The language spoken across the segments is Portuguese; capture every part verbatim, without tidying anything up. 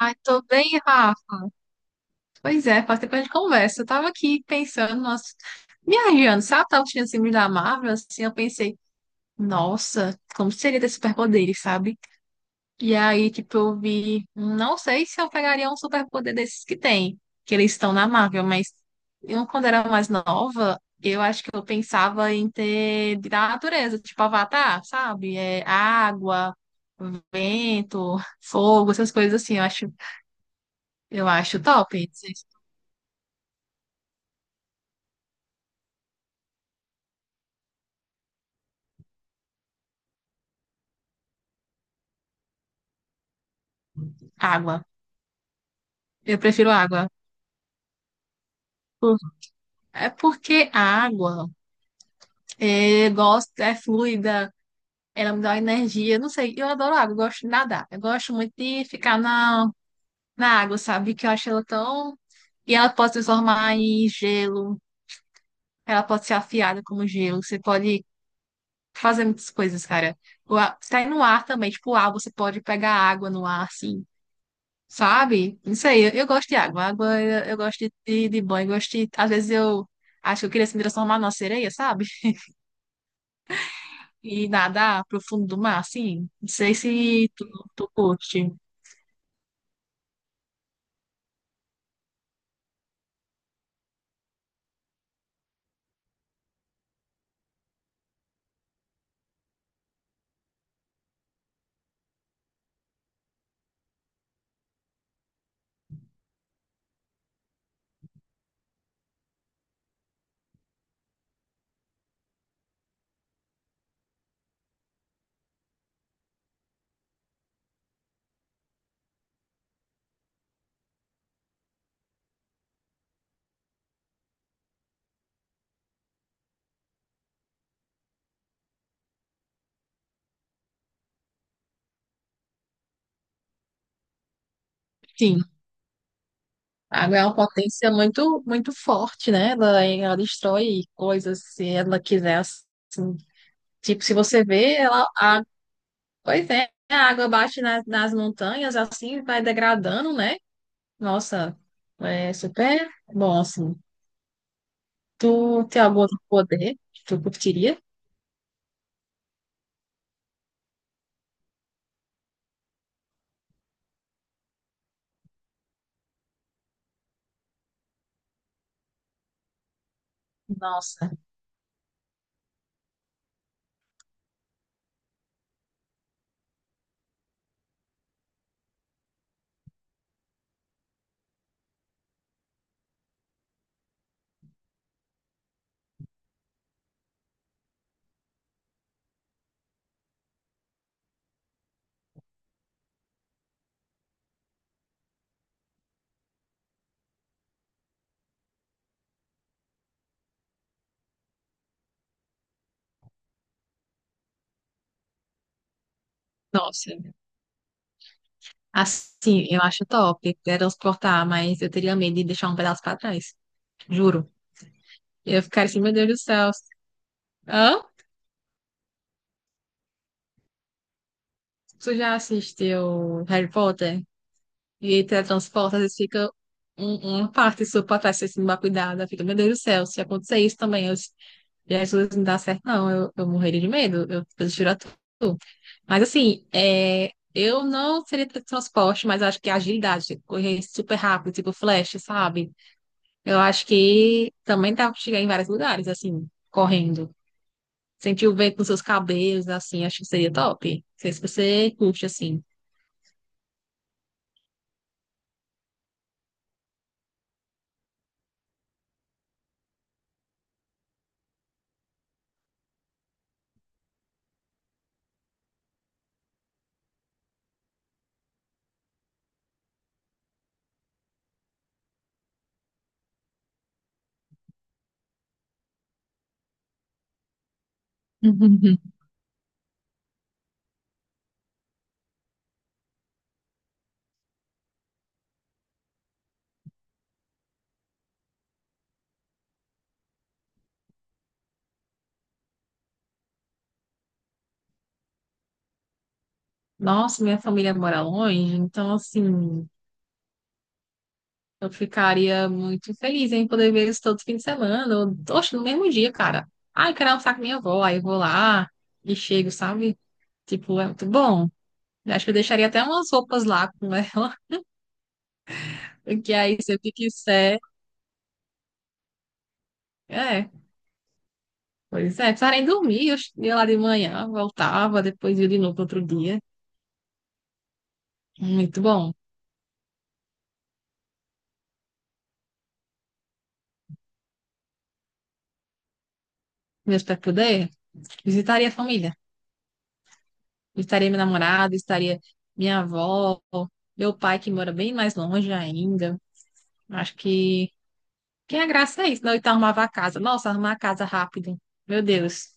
Ai, tô bem, Rafa. Pois é, faz tempo que a gente conversa. Eu tava aqui pensando, nossa, viajando, sabe? Eu tava assistindo esse filme da Marvel, assim, eu pensei, nossa, como seria ter superpoderes, sabe? E aí, tipo, eu vi, não sei se eu pegaria um superpoder desses que tem, que eles estão na Marvel, mas eu, quando era mais nova, eu acho que eu pensava em ter da natureza, tipo Avatar, sabe? É água, vento, fogo, essas coisas assim, eu acho, eu acho top. Água. Eu prefiro água. Por- É porque a água é, gosto, é fluida, ela me dá uma energia. Não sei, eu adoro água, eu gosto de nadar. Eu gosto muito de ficar na, na água, sabe? Que eu acho ela tão. E ela pode se transformar em gelo, ela pode ser afiada como gelo. Você pode fazer muitas coisas, cara. O ar- Sai no ar também, tipo, o ar, você pode pegar água no ar, assim. Sabe? Não sei, eu, eu gosto de água. Água, eu, eu gosto de, de, de banho, gosto de, às vezes eu acho que eu queria se me transformar numa sereia, sabe? E nadar pro fundo do mar, assim. Não sei se tu, tu curte. Sim, a água é uma potência muito, muito forte, né? Ela, ela destrói coisas se ela quiser. Tipo, se você vê, ela, a, pois é, a água bate na- nas montanhas, assim, vai degradando, né? Nossa, é super bom, assim. Tu tem algum outro poder que tu curtiria? Nossa, nossa. Assim, eu acho top teletransportar, mas eu teria medo de deixar um pedaço pra trás. Juro. Eu ficaria assim, meu Deus do céu. Hã? Tu já assistiu Harry Potter? E aí teletransporta, às vezes fica um- uma parte sua pra trás, você se não dá cuidado. Aí fica, meu Deus do céu, se acontecer isso também, eu Jesus, não dá certo, não. Eu, eu morreria de medo. Eu prefiro a tu. Mas assim, é, eu não seria teletransporte, mas eu acho que a agilidade, tipo, correr super rápido, tipo flash, sabe? Eu acho que também dá pra chegar em vários lugares, assim, correndo. Sentir o vento nos seus cabelos, assim, acho que seria top. Não sei se você curte, assim. Nossa, minha família mora longe, então, assim. Eu ficaria muito feliz em poder ver isso todo fim de semana, ou, oxe, no mesmo dia, cara. Ai, quero almoçar com minha avó, aí eu vou lá e chego, sabe? Tipo, é muito bom. Eu acho que eu deixaria até umas roupas lá com ela, porque aí sempre que quiser. É, pois é, precisava nem dormir, eu ia lá de manhã, voltava, depois ia de novo no outro dia. Muito bom. Meu superpoder, visitaria a família. Visitaria meu namorado, visitaria minha avó, meu pai que mora bem mais longe ainda. Acho que Que é a graça é isso, não? Então arrumava a casa. Nossa, arrumar a casa rápido. Meu Deus.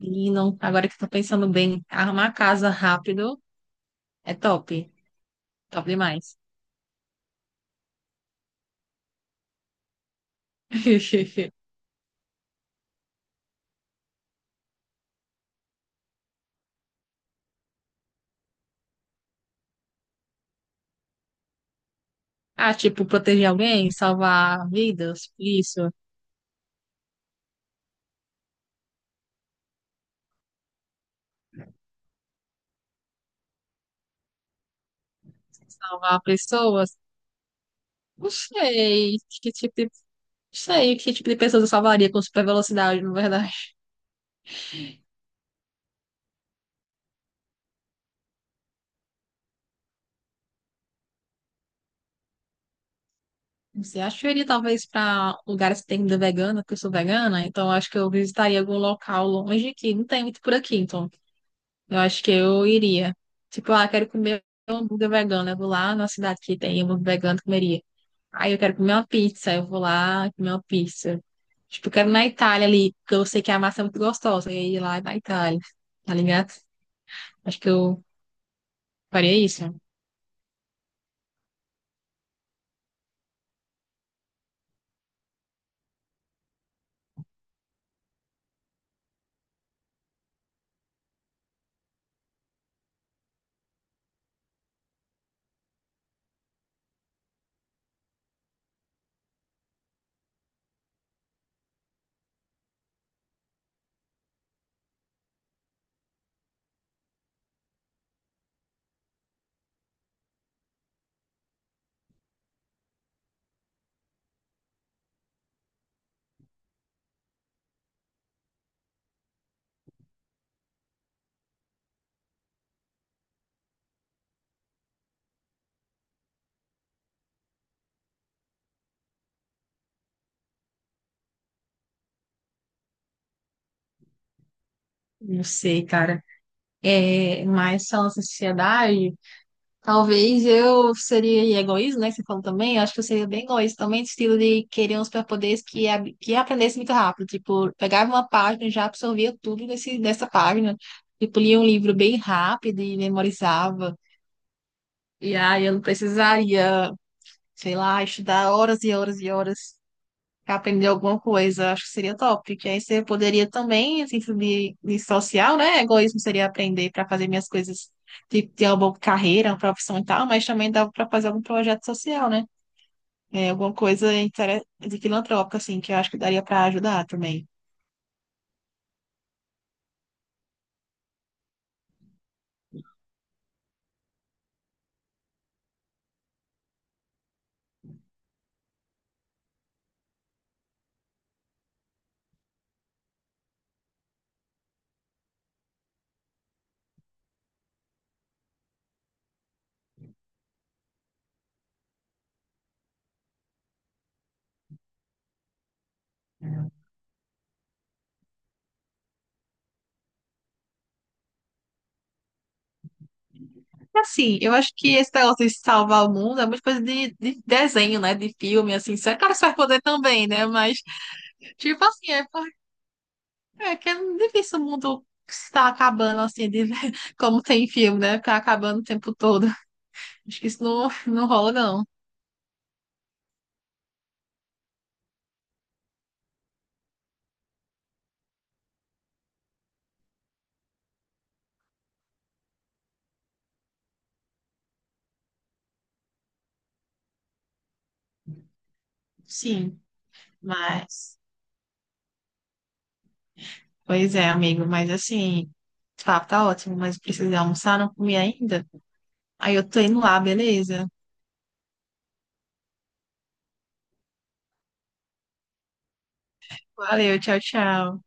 E não, agora que eu tô pensando bem, arrumar a casa rápido é top. Top demais. Ah, tipo, proteger alguém, salvar vidas, isso, salvar pessoas. Não sei que tipo de, não sei que tipo de pessoas eu salvaria com super velocidade, na verdade. Não sei, acho que eu iria talvez para lugares que tem comida vegana, porque eu sou vegana, então acho que eu visitaria algum local longe que não tem muito por aqui, então. Eu acho que eu iria. Tipo, ah, quero comer um hambúrguer vegano. Eu vou lá na cidade que tem hambúrguer vegano, comeria. Aí eu quero comer uma pizza. Eu vou lá comer uma pizza. Tipo, eu quero ir na Itália ali, porque eu sei que a massa é muito gostosa. E aí lá na Itália, tá ligado? Acho que eu faria isso. Não sei, cara. É, mas falando em sociedade. Talvez eu seria egoísta, né? que Você falou também. Eu acho que eu seria bem egoísta também, do estilo de querer uns superpoderes que, ab- que aprendesse muito rápido. Tipo, pegava uma página e já absorvia tudo desse, dessa página. Tipo, lia um livro bem rápido e memorizava. E aí eu não precisaria, sei lá, estudar horas e horas e horas pra aprender alguma coisa. Acho que seria top. Que aí você poderia também, assim, subir de social, né? Egoísmo seria aprender para fazer minhas coisas, de ter uma boa carreira, uma profissão e tal, mas também dava para fazer algum projeto social, né? É, alguma coisa intere- de filantrópica, assim, que eu acho que daria para ajudar também. Assim, eu acho que esse negócio de salvar o mundo é muita coisa de, de desenho, né? De filme, assim. Isso é claro que você vai poder também, né? Mas, tipo assim, é, por- é que é difícil o mundo estar acabando, assim, de, como tem em filme, né? Ficar acabando o tempo todo. Acho que isso não, não rola, não. Sim, mas... Pois é, amigo, mas assim... O papo tá ótimo, mas eu preciso almoçar, não comi ainda. Aí eu tô indo lá, beleza? Valeu, tchau, tchau.